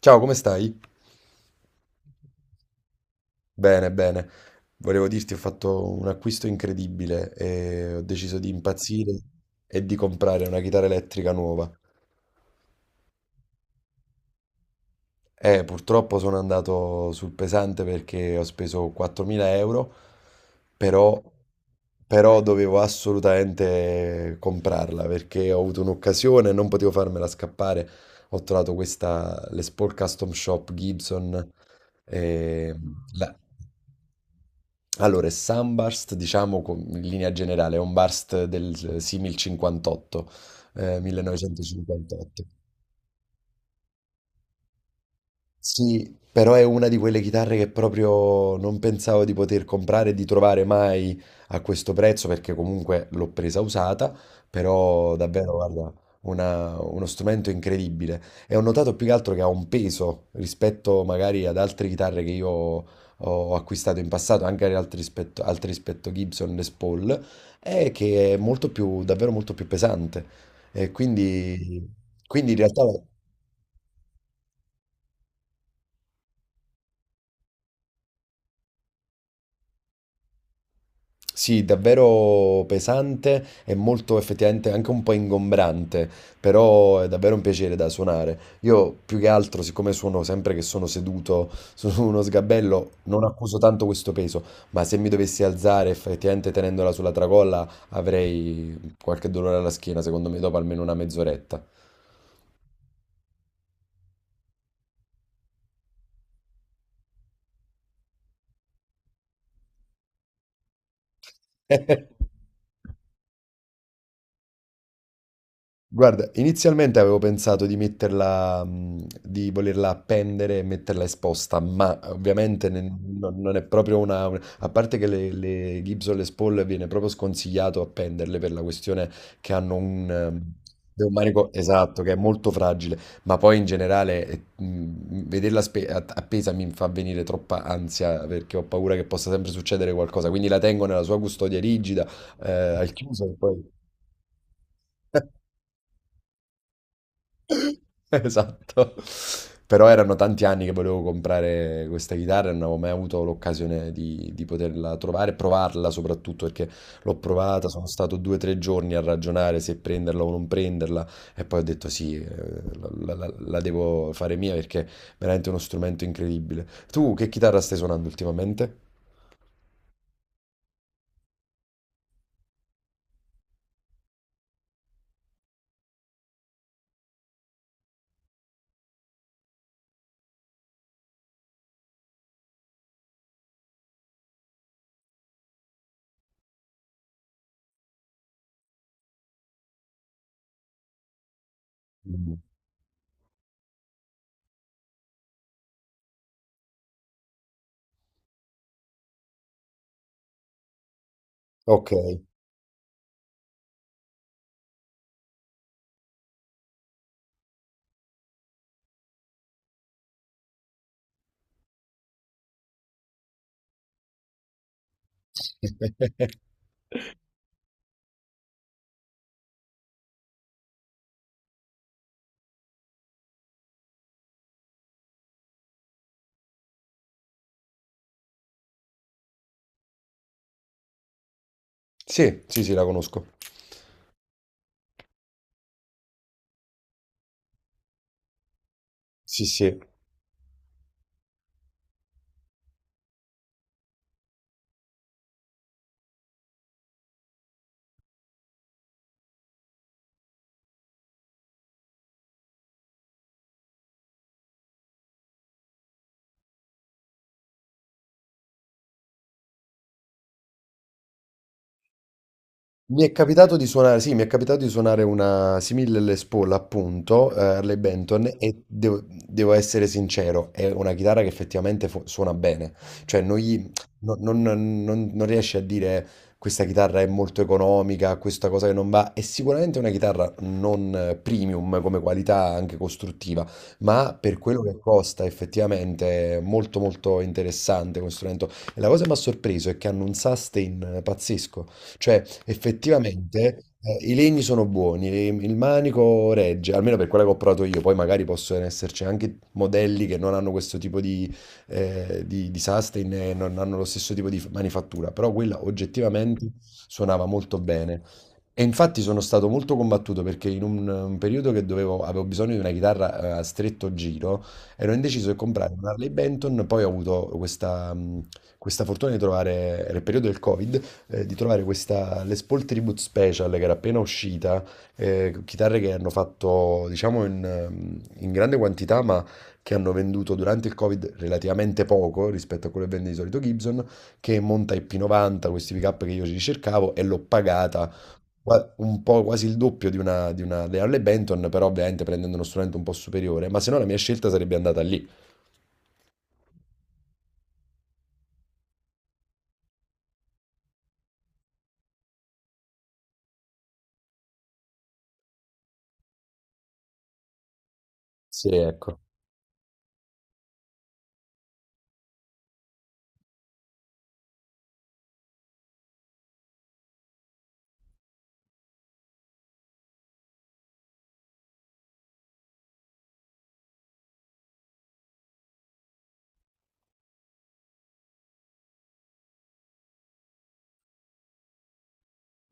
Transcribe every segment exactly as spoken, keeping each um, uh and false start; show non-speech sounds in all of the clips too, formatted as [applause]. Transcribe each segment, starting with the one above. Ciao, come stai? Bene, bene. Volevo dirti, ho fatto un acquisto incredibile e ho deciso di impazzire e di comprare una chitarra elettrica nuova. Eh, purtroppo sono andato sul pesante perché ho speso quattromila euro, però, però dovevo assolutamente comprarla perché ho avuto un'occasione e non potevo farmela scappare. Ho trovato questa Les Paul Custom Shop Gibson. E la- Allora, il Sunburst, diciamo com- in linea generale, è un burst del eh, simil cinquantotto, eh, millenovecentocinquantotto. Sì, però è una di quelle chitarre che proprio non pensavo di poter comprare e di trovare mai a questo prezzo perché comunque l'ho presa usata, però davvero, guarda, una- uno strumento incredibile. E ho notato più che altro che ha un peso rispetto magari ad altre chitarre che io ho acquistato in passato, anche ad altri rispetto, altri rispetto Gibson Les Paul, è che è molto più, davvero molto più pesante. E quindi, quindi in realtà... Sì, davvero pesante e molto effettivamente anche un po' ingombrante, però è davvero un piacere da suonare. Io più che altro, siccome suono sempre che sono seduto su [laughs] uno sgabello, non accuso tanto questo peso, ma se mi dovessi alzare effettivamente tenendola sulla tracolla avrei qualche dolore alla schiena, secondo me, dopo almeno una mezz'oretta. [laughs] Guarda, inizialmente avevo pensato di metterla, mh, di volerla appendere e metterla esposta, ma ovviamente ne- non, non è proprio una... un- A parte che le, le Gibson Les Paul viene proprio sconsigliato appenderle per la questione che hanno un... ehm, un manico esatto, che è molto fragile, ma poi in generale eh, mh, vederla spe- att- appesa mi fa venire troppa ansia perché ho paura che possa sempre succedere qualcosa, quindi la tengo nella sua custodia rigida, eh, al chiuso e poi... [laughs] Esatto. Però erano tanti anni che volevo comprare questa chitarra e non avevo mai avuto l'occasione di, di poterla trovare, provarla soprattutto perché l'ho provata, sono stato due o tre giorni a ragionare se prenderla o non prenderla e poi ho detto sì, eh, la, la- la devo fare mia perché è veramente uno strumento incredibile. Tu che chitarra stai suonando ultimamente? Mm. Ok. Sì, sì, sì, la conosco. Sì, sì. Mi è capitato di suonare, sì, mi è capitato di suonare una simile Les Paul, appunto, eh, Harley Benton, e devo, devo essere sincero, è una chitarra che effettivamente fu- suona bene, cioè non, gli- no, non, non- non- non riesci a dire questa chitarra è molto economica, questa cosa che non va, è sicuramente una chitarra non eh, premium come qualità anche costruttiva, ma per quello che costa effettivamente è molto molto interessante questo strumento. E la cosa che mi ha sorpreso è che hanno un sustain eh, pazzesco. Cioè, effettivamente, eh, i legni sono buoni, il il manico regge, almeno per quella che ho provato io. Poi magari possono esserci anche modelli che non hanno questo tipo di, eh, di, di sustain e non hanno lo stesso tipo di f- manifattura, però quella oggettivamente suonava molto bene. E infatti sono stato molto combattuto perché in un, un periodo che dovevo, avevo bisogno di una chitarra eh, a stretto giro, ero indeciso di comprare una Harley Benton, poi ho avuto questa, mh, questa fortuna di trovare, era il periodo del Covid, eh, di trovare questa Les Paul Tribute Special che era appena uscita, eh, chitarre che hanno fatto diciamo in, ehm, in grande quantità ma che hanno venduto durante il Covid relativamente poco rispetto a quello che vende di solito Gibson, che monta i P novanta, questi pick-up che io ci ricercavo e l'ho pagata qua- un po' quasi il doppio di una, di una Harley Benton, però ovviamente prendendo uno strumento un po' superiore, ma se no la mia scelta sarebbe andata lì. Sì, ecco.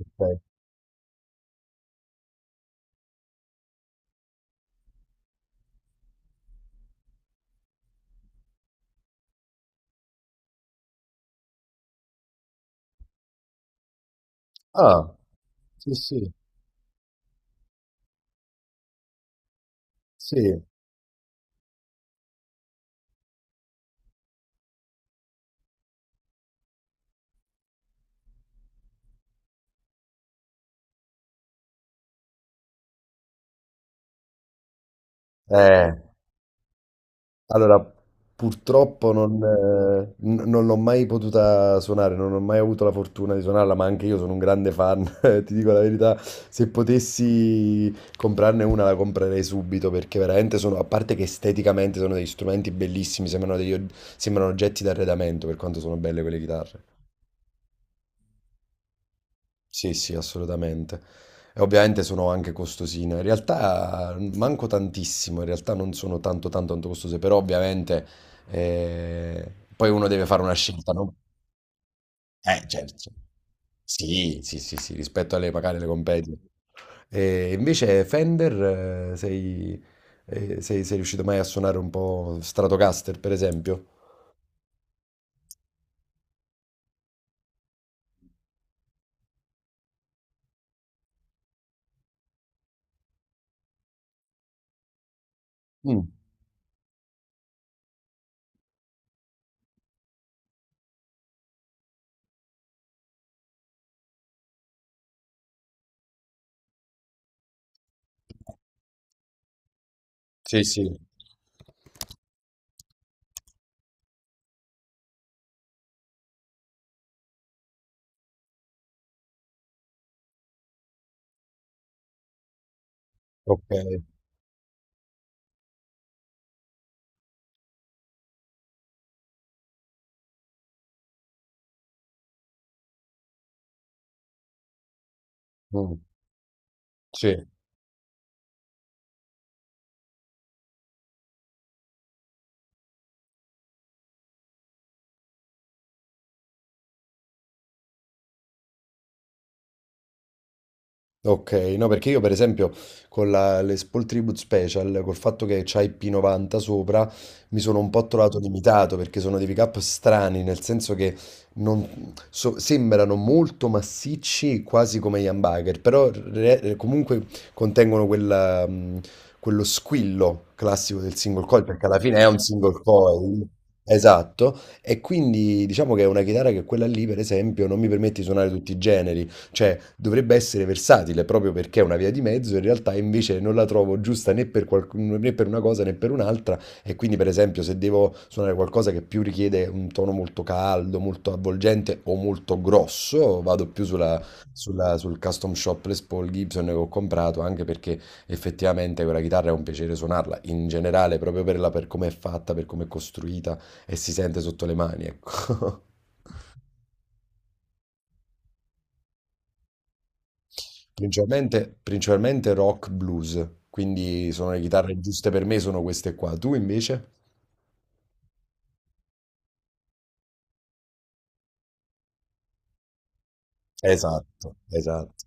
Ok. Ah, sì, sì, sì. Eh. Allora, purtroppo non, eh, n- non l'ho mai potuta suonare, non ho mai avuto la fortuna di suonarla, ma anche io sono un grande fan, [laughs] eh, ti dico la verità, se potessi comprarne una la comprerei subito perché veramente sono, a parte che esteticamente sono degli strumenti bellissimi, sembrano, degli, og- sembrano oggetti d'arredamento per quanto sono belle quelle chitarre. Sì, sì, assolutamente. E ovviamente sono anche costosine. In realtà manco tantissimo, in realtà non sono tanto tanto tanto costose, però ovviamente eh, poi uno deve fare una scelta, no? Eh, certo. Sì, sì, sì, sì, rispetto alle magari le compagnie. E invece Fender, eh, sei, eh, sei, sei riuscito mai a suonare un po' Stratocaster, per esempio? Mm. Sì, sì, ok. Mm. Sì. Ok, no, perché io per esempio con la, le Spol Tribute Special, col fatto che c'hai P novanta sopra, mi sono un po' trovato limitato perché sono dei pick-up strani, nel senso che non- so- sembrano molto massicci, quasi come gli humbucker, però re- comunque contengono quella, mh, quello squillo classico del single coil, perché alla fine è un single coil. Esatto, e quindi diciamo che è una chitarra che quella lì, per esempio, non mi permette di suonare tutti i generi. Cioè, dovrebbe essere versatile proprio perché è una via di mezzo, in realtà invece non la trovo giusta né per, qualc- né per una cosa né per un'altra. E quindi, per esempio, se devo suonare qualcosa che più richiede un tono molto caldo, molto avvolgente o molto grosso, vado più sulla- sulla- sul custom shop Les Paul Gibson che ho comprato, anche perché effettivamente quella chitarra è un piacere suonarla in generale, proprio per, la- per come è fatta, per come è costruita e si sente sotto le mani, ecco. [laughs] Principalmente, principalmente rock blues, quindi sono le chitarre giuste per me, sono queste qua. Tu invece? Esatto, esatto.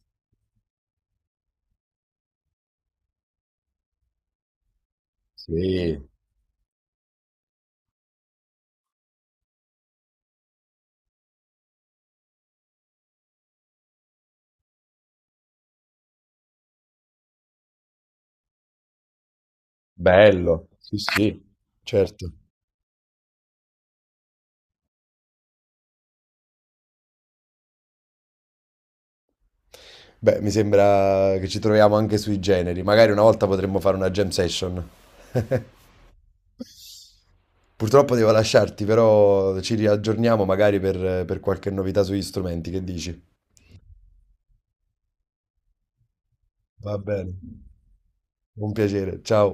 Sì, bello. Sì, sì, certo. Beh, mi sembra che ci troviamo anche sui generi. Magari una volta potremmo fare una jam session. Purtroppo devo lasciarti, però ci riaggiorniamo magari per, per qualche novità sugli strumenti. Che dici? Va bene. Un piacere. Ciao.